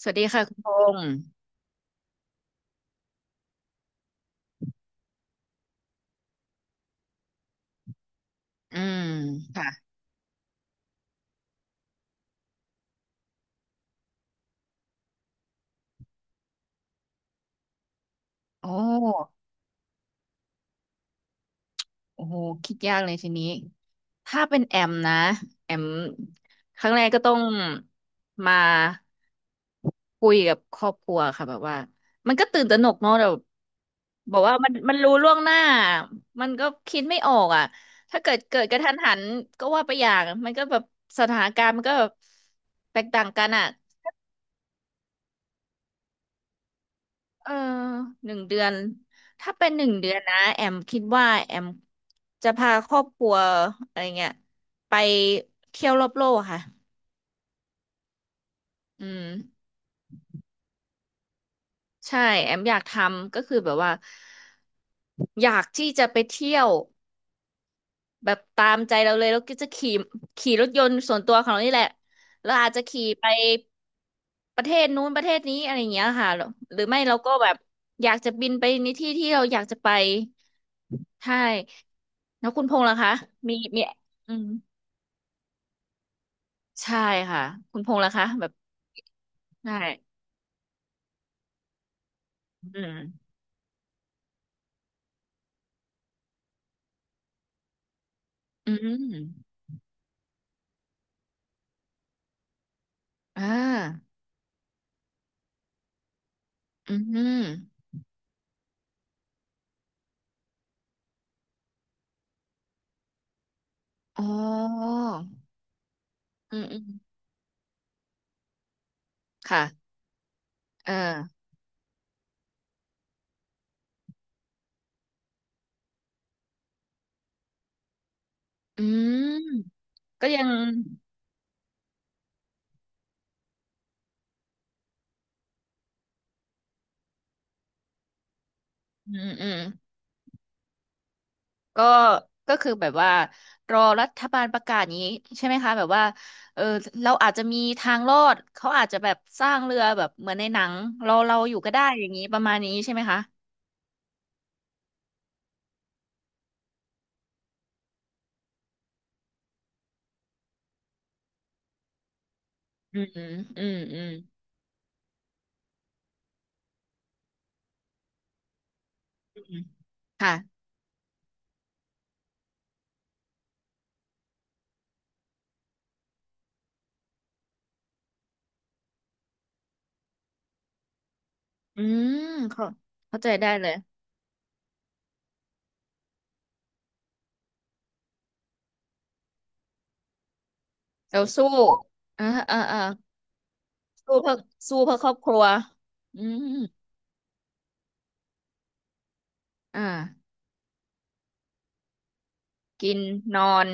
สวัสดีค่ะคุณพงษ์อืม ค่ะโอ้โอ้โหคิดยากเลยทีนี้ ถ้าเป็นแอมนะ แอม ครั้งแรกก็ต้องมาคุยกับครอบครัวค่ะแบบว่า มันก็ตื่นตระหนกเนาะแบบบอกว่ามันรู้ล่วงหน้า มันก็คิดไม่ออกอ่ะถ้าเกิดกระทันหันก็ว่าไปอย่าง มันก็แบบสถานการณ์มันก็แบบแตกต่างกันอ่ะ เออหนึ่งเดือนถ้าเป็นหนึ่งเดือนนะแอมคิดว่าแอมจะพาครอบครัวอะไรเงี้ยไปเที่ยวรอบโลกค่ะอืมใช่แอมอยากทำก็คือแบบว่าอยากที่จะไปเที่ยวแบบตามใจเราเลยแล้วก็จะขี่รถยนต์ส่วนตัวของเรานี่แหละแล้วอาจจะขี่ไปประเทศนู้นประเทศนี้อะไรอย่างเงี้ยค่ะหรือไม่เราก็แบบอยากจะบินไปในที่ที่เราอยากจะไป ใช่แล้วคุณพงษ์ล่ะคะมีอืมใช่ค่ะคุณพงษ์ล่ะคะแบบใช่อืมอืมอ่าอืมอ๋ออืมอืมค่ะเอออืมก็ยังอืมอืมก็ก็คือแบบว่ารอรัฐบาลประกาศนี้ใช่ไหมคะแบบว่าเออเราอาจจะมีทางรอดเขาอาจจะแบบสร้างเรือแบบเหมือนในหนังเราอยู่ก็ได้อย่างนี้ประมาณนี้ใช่ไหมคะอืมอืมอืม อืมค่ะอืมเข้าเข้าใจได้เลยเราสู้อ่าอ่าอ่าสู้เพื่อสู้เพื่อครอบครัวอืมอ่ากินนอน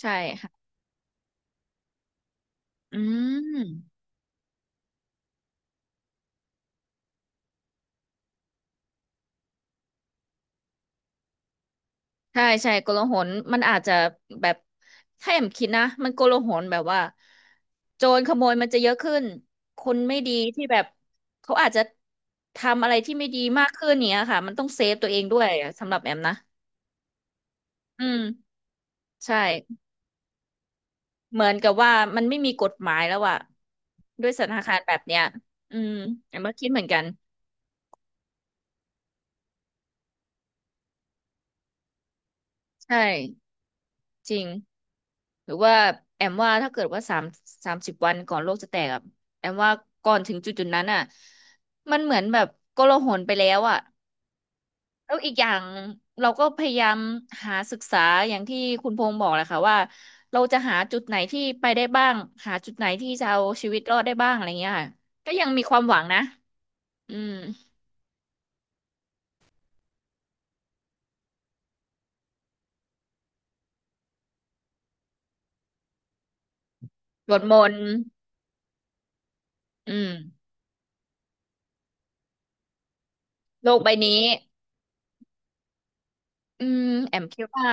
ใช่ค่ะอืมใช่ใช่โกลาหลมันอาจจะแบบถ้าแอมคิดนะ มันโกลาหลแบบว่าโจรขโมยมันจะเยอะขึ้น คนไม่ดีที่แบบเขาอาจจะทำอะไรที่ไม่ดีมากขึ้นเนี้ยค่ะ มันต้องเซฟตัวเองด้วยอะสำหรับแอมนะอืมใช่ เหมือนกับว่ามันไม่มีกฎหมายแล้วอะด้วยสถานการณ์แบบเนี้ยอืมแอมก็คิดเหมือนกันใช่จริงหรือว่าแอมว่าถ้าเกิดว่าสามสิบวันก่อนโลกจะแตกอะแอมว่าก่อนถึงจุดนั้นอะมันเหมือนแบบโกลาหลไปแล้วอะแล้วอีกอย่างเราก็พยายามหาศึกษาอย่างที่คุณพงษ์บอกแหละค่ะว่าเราจะหาจุดไหนที่ไปได้บ้างหาจุดไหนที่จะเอาชีวิตรอดได้บ้างอะไรเงี้ยค่ะก็ยังมีความหวังนะอืม สวดมนต์อืมโลกใบนี้อืมแอมคิดว่า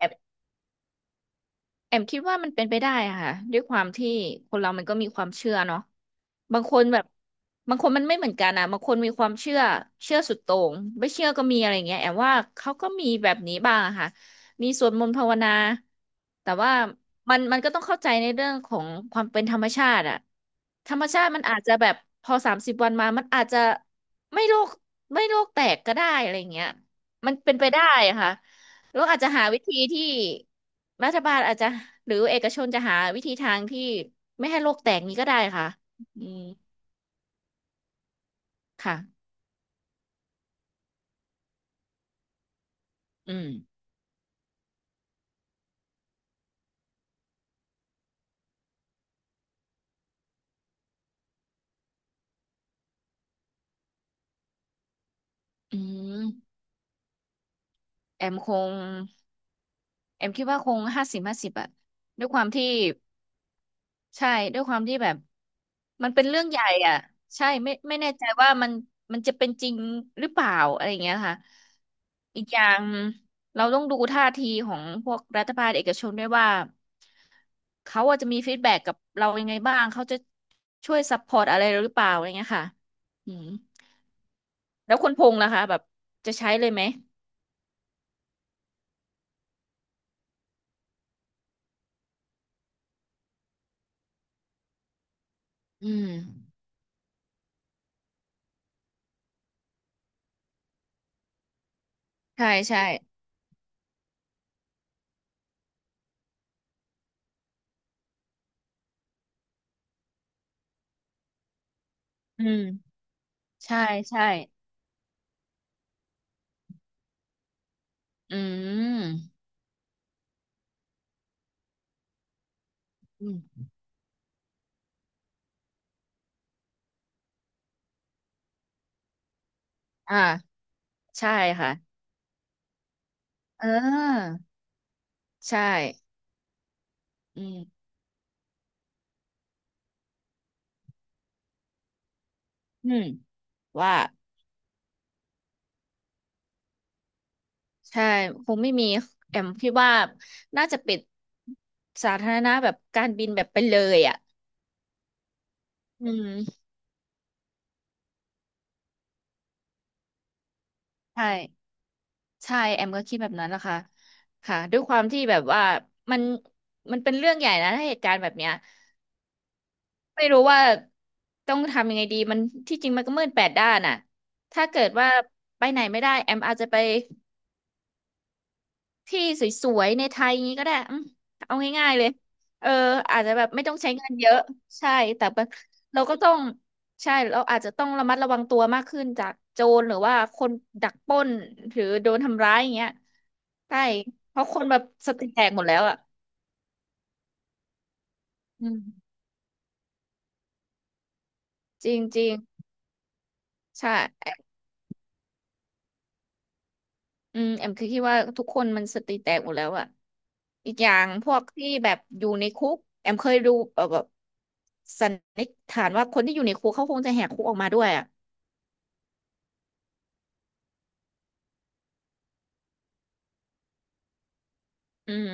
แอม แอมคิดว่ามันเป็นไปได้อะค่ะด้วยความที่คนเรามันก็มีความเชื่อเนาะบางคนแบบบางคนมันไม่เหมือนกันอะบางคนมีความเชื่อสุดโต่งไม่เชื่อก็มีอะไรเงี้ยแอมว่าเขาก็มีแบบนี้บ้างอะค่ะมีสวดมนต์ภาวนาแต่ว่ามันก็ต้องเข้าใจในเรื่องของความเป็นธรรมชาติอะธรรมชาติมันอาจจะแบบพอสามสิบวันมามันอาจจะไม่โรคแตกก็ได้อะไรเงี้ยมันเป็นไปได้อะค่ะแล้วอาจจะหาวิธีที่ รัฐบาลอาจจะหรือเอกชนจะหาวิธีทางที่ไม่ให้โลกแตกนี้ก็ได้ค่ะ อืม ค่ะ อืม อืมแอมคงแอมคิดว่าคงห้าสิบห้าสิบอะด้วยความที่ ใช่ด้วยความที่แบบมันเป็นเรื่องใหญ่อ่ะใช่ไม่แน่ใจว่ามันจะเป็นจริงหรือเปล่าอะไรอย่างเงี้ยค่ะอีกอย่างเราต้องดูท่าทีของพวกรัฐบาลเอกชนด้วยว่าเขาอาจจะมีฟีดแบ็กกับเรายังไงบ้างเขาจะช่วยซัพพอร์ตอะไรเราหรือเปล่าอะไรเงี้ยค่ะอืมแล้วคุณพงษ์ล่ะคะแบบจะใช้เลยไหมอืมใช่ใช่อืมใช่ใช่อืมอืมอ่าใช่ค่ะ เออใช่อืมอืมว่าใช่คงไม่มีแอมคิดว่าน่าจะปิดสาธารณะแบบการบินแบบไปเลยอ่ะอืมใช่ใช่แอมก็คิดแบบนั้นนะคะค่ะด้วยความที่แบบว่ามันเป็นเรื่องใหญ่นะถ้าเหตุการณ์แบบเนี้ยไม่รู้ว่าต้องทำยังไงดีมันที่จริงมันก็มืดแปดด้านอ่ะถ้าเกิดว่าไปไหนไม่ได้แอมอาจจะไป ที่สวยๆในไทยอย่างนี้ก็ได้อืมเอาง่ายๆเลยเอออาจจะแบบไม่ต้องใช้เงินเยอะใช่แต่แบบเราก็ต้องใช่เราอาจจะต้องระมัดระวังตัวมากขึ้นจากโจรหรือว่าคนดักปล้นหรือโดนทำร้ายอย่างเงี้ยใช่เพราะคนแบบสติแตกหมดแล้วอ่ะอืมจริงจริงใช่ อืมแอมคือคิดว่าทุกคนมันสติแตกหมดแล้วอะอีกอย่างพวกที่แบบอยู่ในคุกแอมเคยดูแบบสันนิษฐานว่าคนที่อยู่ในคุกเขาคงจะแหกคุกออกมาด้วยอะอืม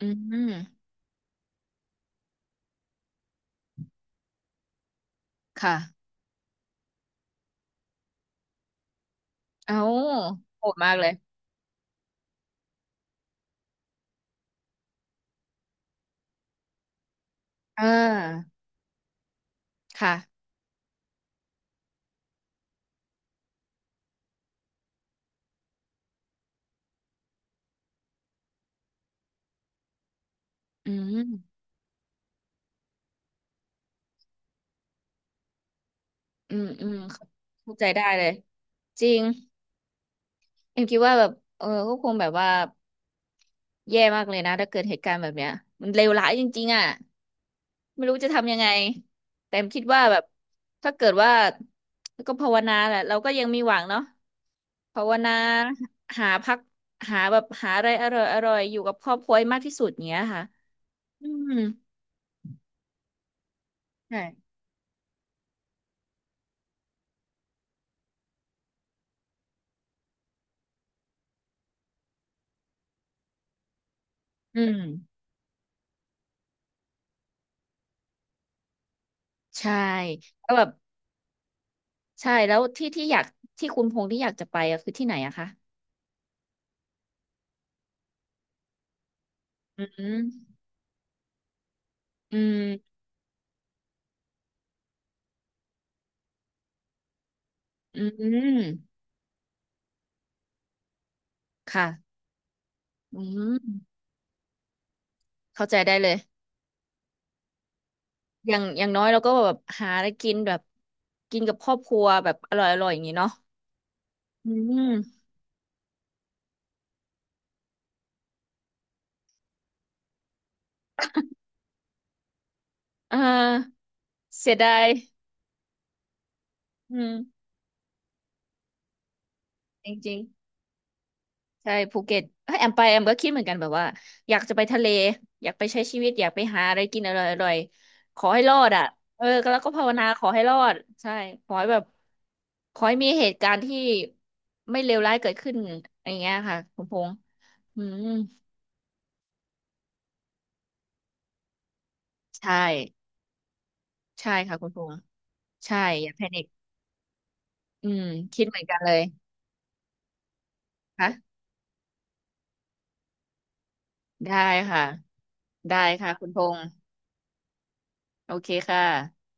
อืมค่ะเอาโหดมากเลยอ่าค่ะอืมอืมอืมเข้าใจได้เลยจริงเอ็มคิดว่าแบบเออก็คงแบบว่าแย่มากเลยนะถ้าเกิดเหตุการณ์แบบเนี้ยมันเลวร้ายจริงๆอ่ะ ไม่รู้จะทำยังไงแต่คิดว่าแบบถ้าเกิดว่าก็ภาวนาแหละเราก็ยังมีหวังเนาะภาวนาหาพักหาแบบหาอะไรอร่อยอร่อยอยู่กับครอบครัวให้มากที่สุดเนี้ยค่ะอืมใช่อืมใช่แล้วแบบใช่แล้วที่ที่อยากที่คุณพงษ์ที่อยากจะไปอะคือที่ไหนอะคะอืมอืมอืมค่ะอืมเข้าใจได้เลย อย่างอย่างน้อยเราก็แบบหาอะไรกินแบบกินกับครอบครัวแบบอร่อยอร่อยอย่างนี้เนาะอืมอ่าเสียดายอืมจริงๆใช่ภูเก็ตเอ้ยแอมไปแอมก็คิดเหมือนกันแบบว่าอยากจะไปทะเลอยากไปใช้ชีวิตอยากไปหาอะไรกินอร่อยอร่อยขอให้รอดอ่ะเออแล้วก็ภาวนาขอให้รอดใช่ขอให้แบบขอให้มีเหตุการณ์ที่ไม่เลวร้ายเกิดขึ้นอย่างเงี้ยค่ะคุณพงษ์อืมใช่ใช่ค่ะคุณพงษ์ใช่อย่าแพนิค อืมคิดเหมือนกันเลยค่ะได้ค่ะได้ค่ะคุณพงษ์โอเคค่ะ